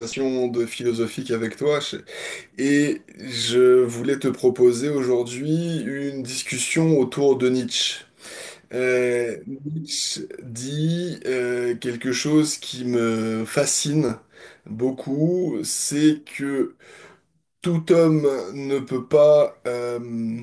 Conversation de philosophique avec toi et je voulais te proposer aujourd'hui une discussion autour de Nietzsche. Euh, Nietzsche dit quelque chose qui me fascine beaucoup, c'est que tout homme ne peut pas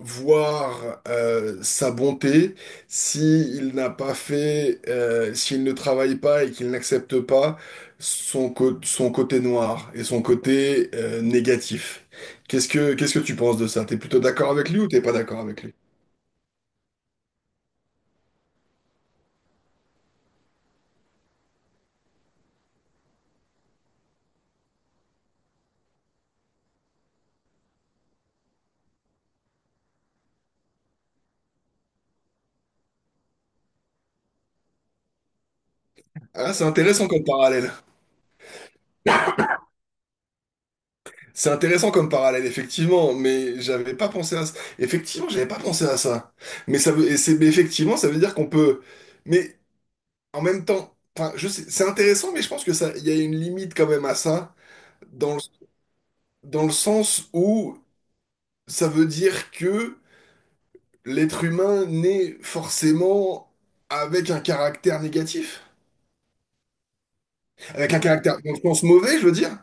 voir sa bonté, si il n'a pas fait, s'il ne travaille pas et qu'il n'accepte pas son, son côté noir et son côté négatif. Qu'est-ce que tu penses de ça? T'es plutôt d'accord avec lui ou t'es pas d'accord avec lui? Ah, c'est intéressant comme parallèle. C'est intéressant comme parallèle, effectivement, mais j'avais pas pensé à ça. Effectivement, j'avais pas pensé à ça. Mais ça veut, et c'est, mais effectivement, ça veut dire qu'on peut. Mais En même temps, enfin, je sais, c'est intéressant, mais je pense que ça, il y a une limite quand même à ça, dans le, dans le sens où ça veut dire que l'être humain naît forcément avec un caractère négatif, avec un caractère, dans le sens mauvais, je veux dire,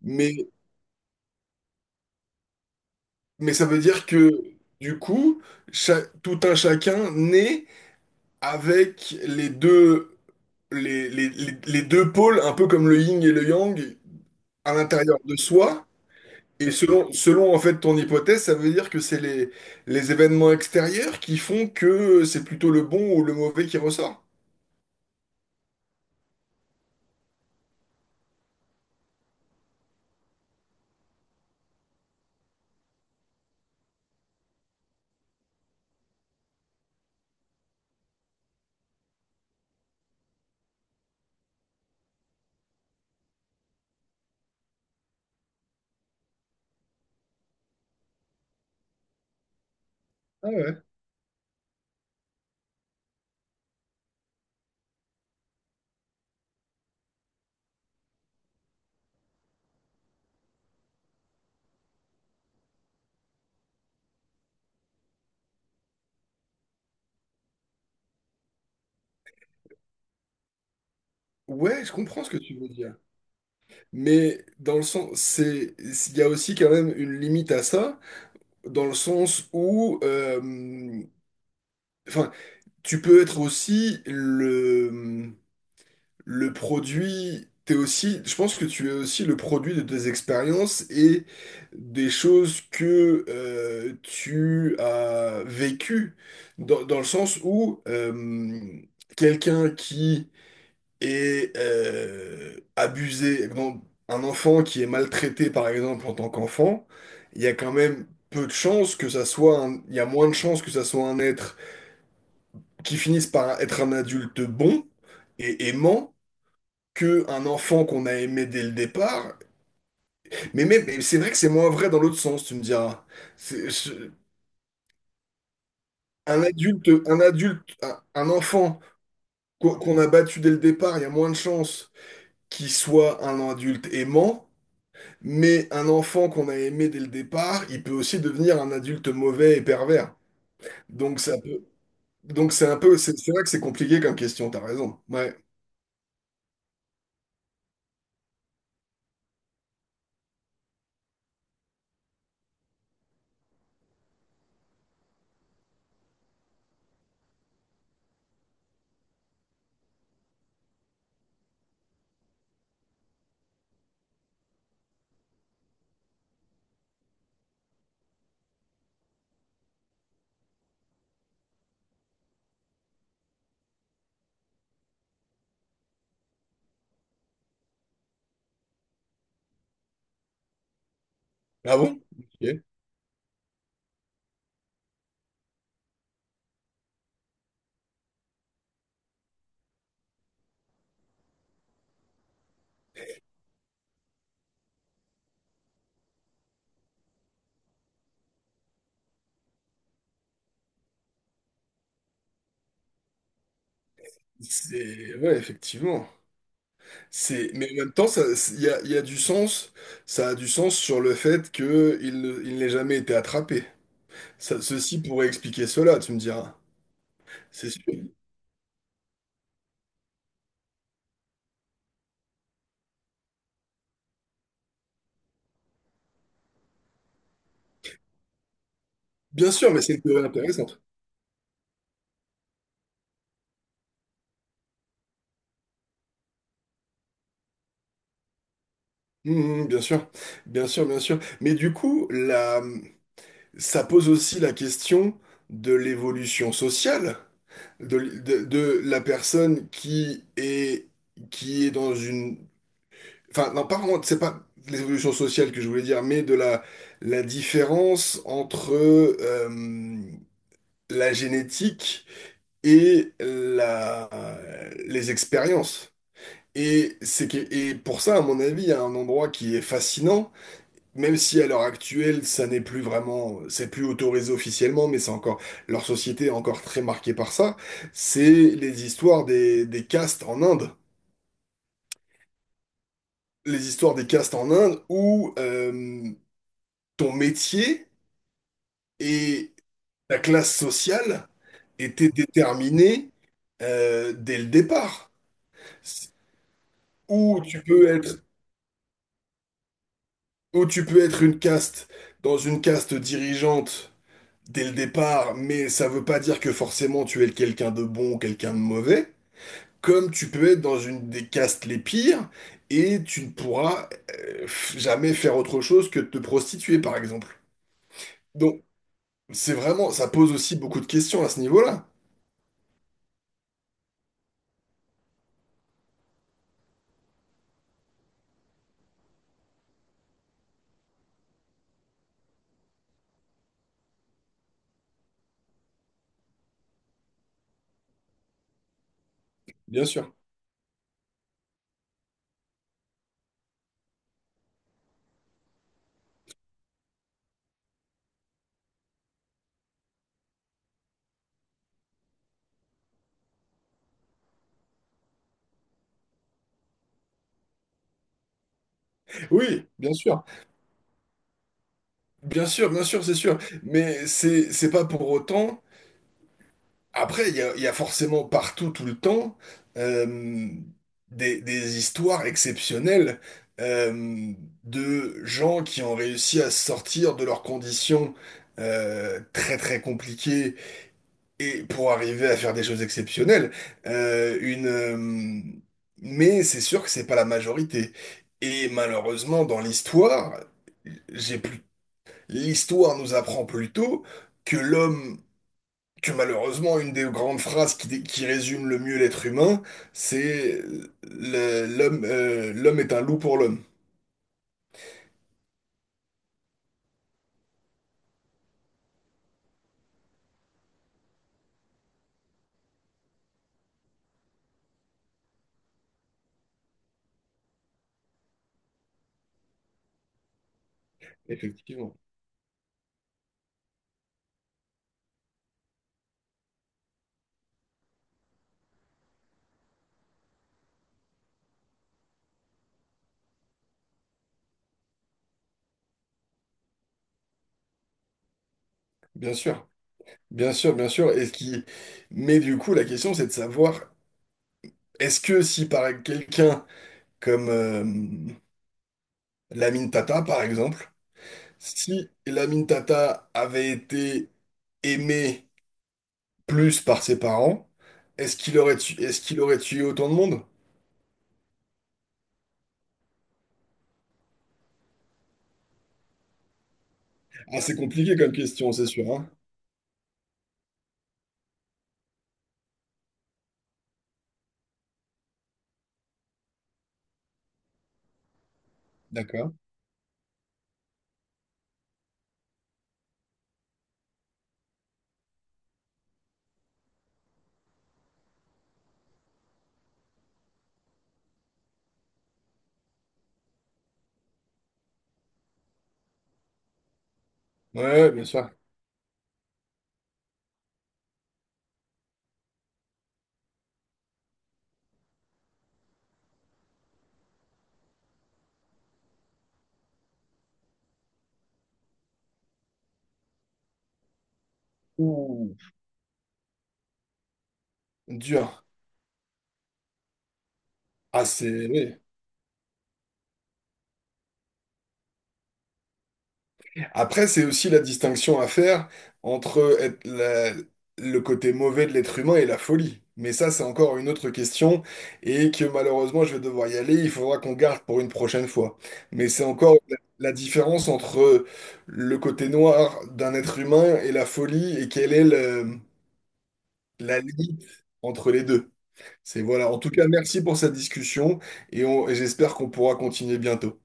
mais, mais ça veut dire que du coup, tout un chacun naît avec les deux, les deux pôles, un peu comme le yin et le yang, à l'intérieur de soi. Et selon en fait ton hypothèse, ça veut dire que c'est les événements extérieurs qui font que c'est plutôt le bon ou le mauvais qui ressort? Ah ouais. Ouais, je comprends ce que tu veux dire. Mais dans le sens, c'est, il y a aussi quand même une limite à ça, dans le sens où, enfin, tu peux être aussi le produit, t'es aussi, je pense que tu es aussi le produit de tes expériences et des choses que tu as vécues, dans le sens où quelqu'un qui est abusé, bon, un enfant qui est maltraité par exemple en tant qu'enfant, il y a quand même peu de chances que ça soit il y a moins de chances que ça soit un être qui finisse par être un adulte bon et aimant que un enfant qu'on a aimé dès le départ. Mais même, mais c'est vrai que c'est moins vrai dans l'autre sens, tu me diras. C'est- je- un adulte, un enfant qu'on a battu dès le départ, il y a moins de chances qu'il soit un adulte aimant. Mais un enfant qu'on a aimé dès le départ, il peut aussi devenir un adulte mauvais et pervers. Donc ça peut, donc c'est un peu, c'est vrai que c'est compliqué comme question, t'as raison. Ouais. Ah bon? Ok. C'est, ouais, effectivement. C'est, mais en même temps, il y a du sens. Ça a du sens sur le fait que il n'ait jamais été attrapé. Ceci pourrait expliquer cela, tu me diras. C'est sûr. Bien sûr, mais c'est une théorie intéressante. Bien sûr, bien sûr, bien sûr. Mais du coup, ça pose aussi la question de l'évolution sociale de, de la personne qui est dans une Enfin, non, pas vraiment, c'est pas l'évolution sociale que je voulais dire, mais de la, la différence entre la génétique et la, les expériences. Et, c'est que, et pour ça, à mon avis, il y a un endroit qui est fascinant, même si à l'heure actuelle, ça n'est plus vraiment, c'est plus autorisé officiellement, mais c'est encore, leur société est encore très marquée par ça, c'est les histoires des castes en Inde. Les histoires des castes en Inde où, ton métier et ta classe sociale étaient déterminées dès le départ. Ou tu peux être, ou tu peux être une caste dans une caste dirigeante dès le départ, mais ça veut pas dire que forcément tu es quelqu'un de bon ou quelqu'un de mauvais. Comme tu peux être dans une des castes les pires et tu ne pourras jamais faire autre chose que de te prostituer, par exemple. Donc, c'est vraiment, ça pose aussi beaucoup de questions à ce niveau-là. Bien sûr. Oui, bien sûr, bien sûr, bien sûr, c'est sûr. Mais c'est pas pour autant. Après, il y a forcément partout, tout le temps, euh, des histoires exceptionnelles euh, de gens qui ont réussi à sortir de leurs conditions très très compliquées et pour arriver à faire des choses exceptionnelles. Euh, une, euh, mais c'est sûr que c'est pas la majorité. Et malheureusement, dans l'histoire, j'ai plus l'histoire nous apprend plutôt que l'homme, que malheureusement, une des grandes phrases qui résume le mieux l'être humain, c'est l'homme, l'homme est un loup pour l'homme. Effectivement. Bien sûr, bien sûr, bien sûr. Et ce qui... Mais du coup, la question, c'est de savoir, est-ce que si par quelqu'un comme Lamine Tata, par exemple, si Lamine Tata avait été aimé plus par ses parents, est-ce qu'il aurait tué autant de monde? Ah, c'est compliqué comme question, c'est sûr, hein. D'accord. Ouais, ouais, bien sûr. Ouh, dur. Ah, c'est... oui. Après, c'est aussi la distinction à faire entre le côté mauvais de l'être humain et la folie. Mais ça, c'est encore une autre question et que malheureusement, je vais devoir y aller. Il faudra qu'on garde pour une prochaine fois. Mais c'est encore la différence entre le côté noir d'un être humain et la folie et la limite entre les deux. C'est voilà. En tout cas, merci pour cette discussion et j'espère qu'on pourra continuer bientôt.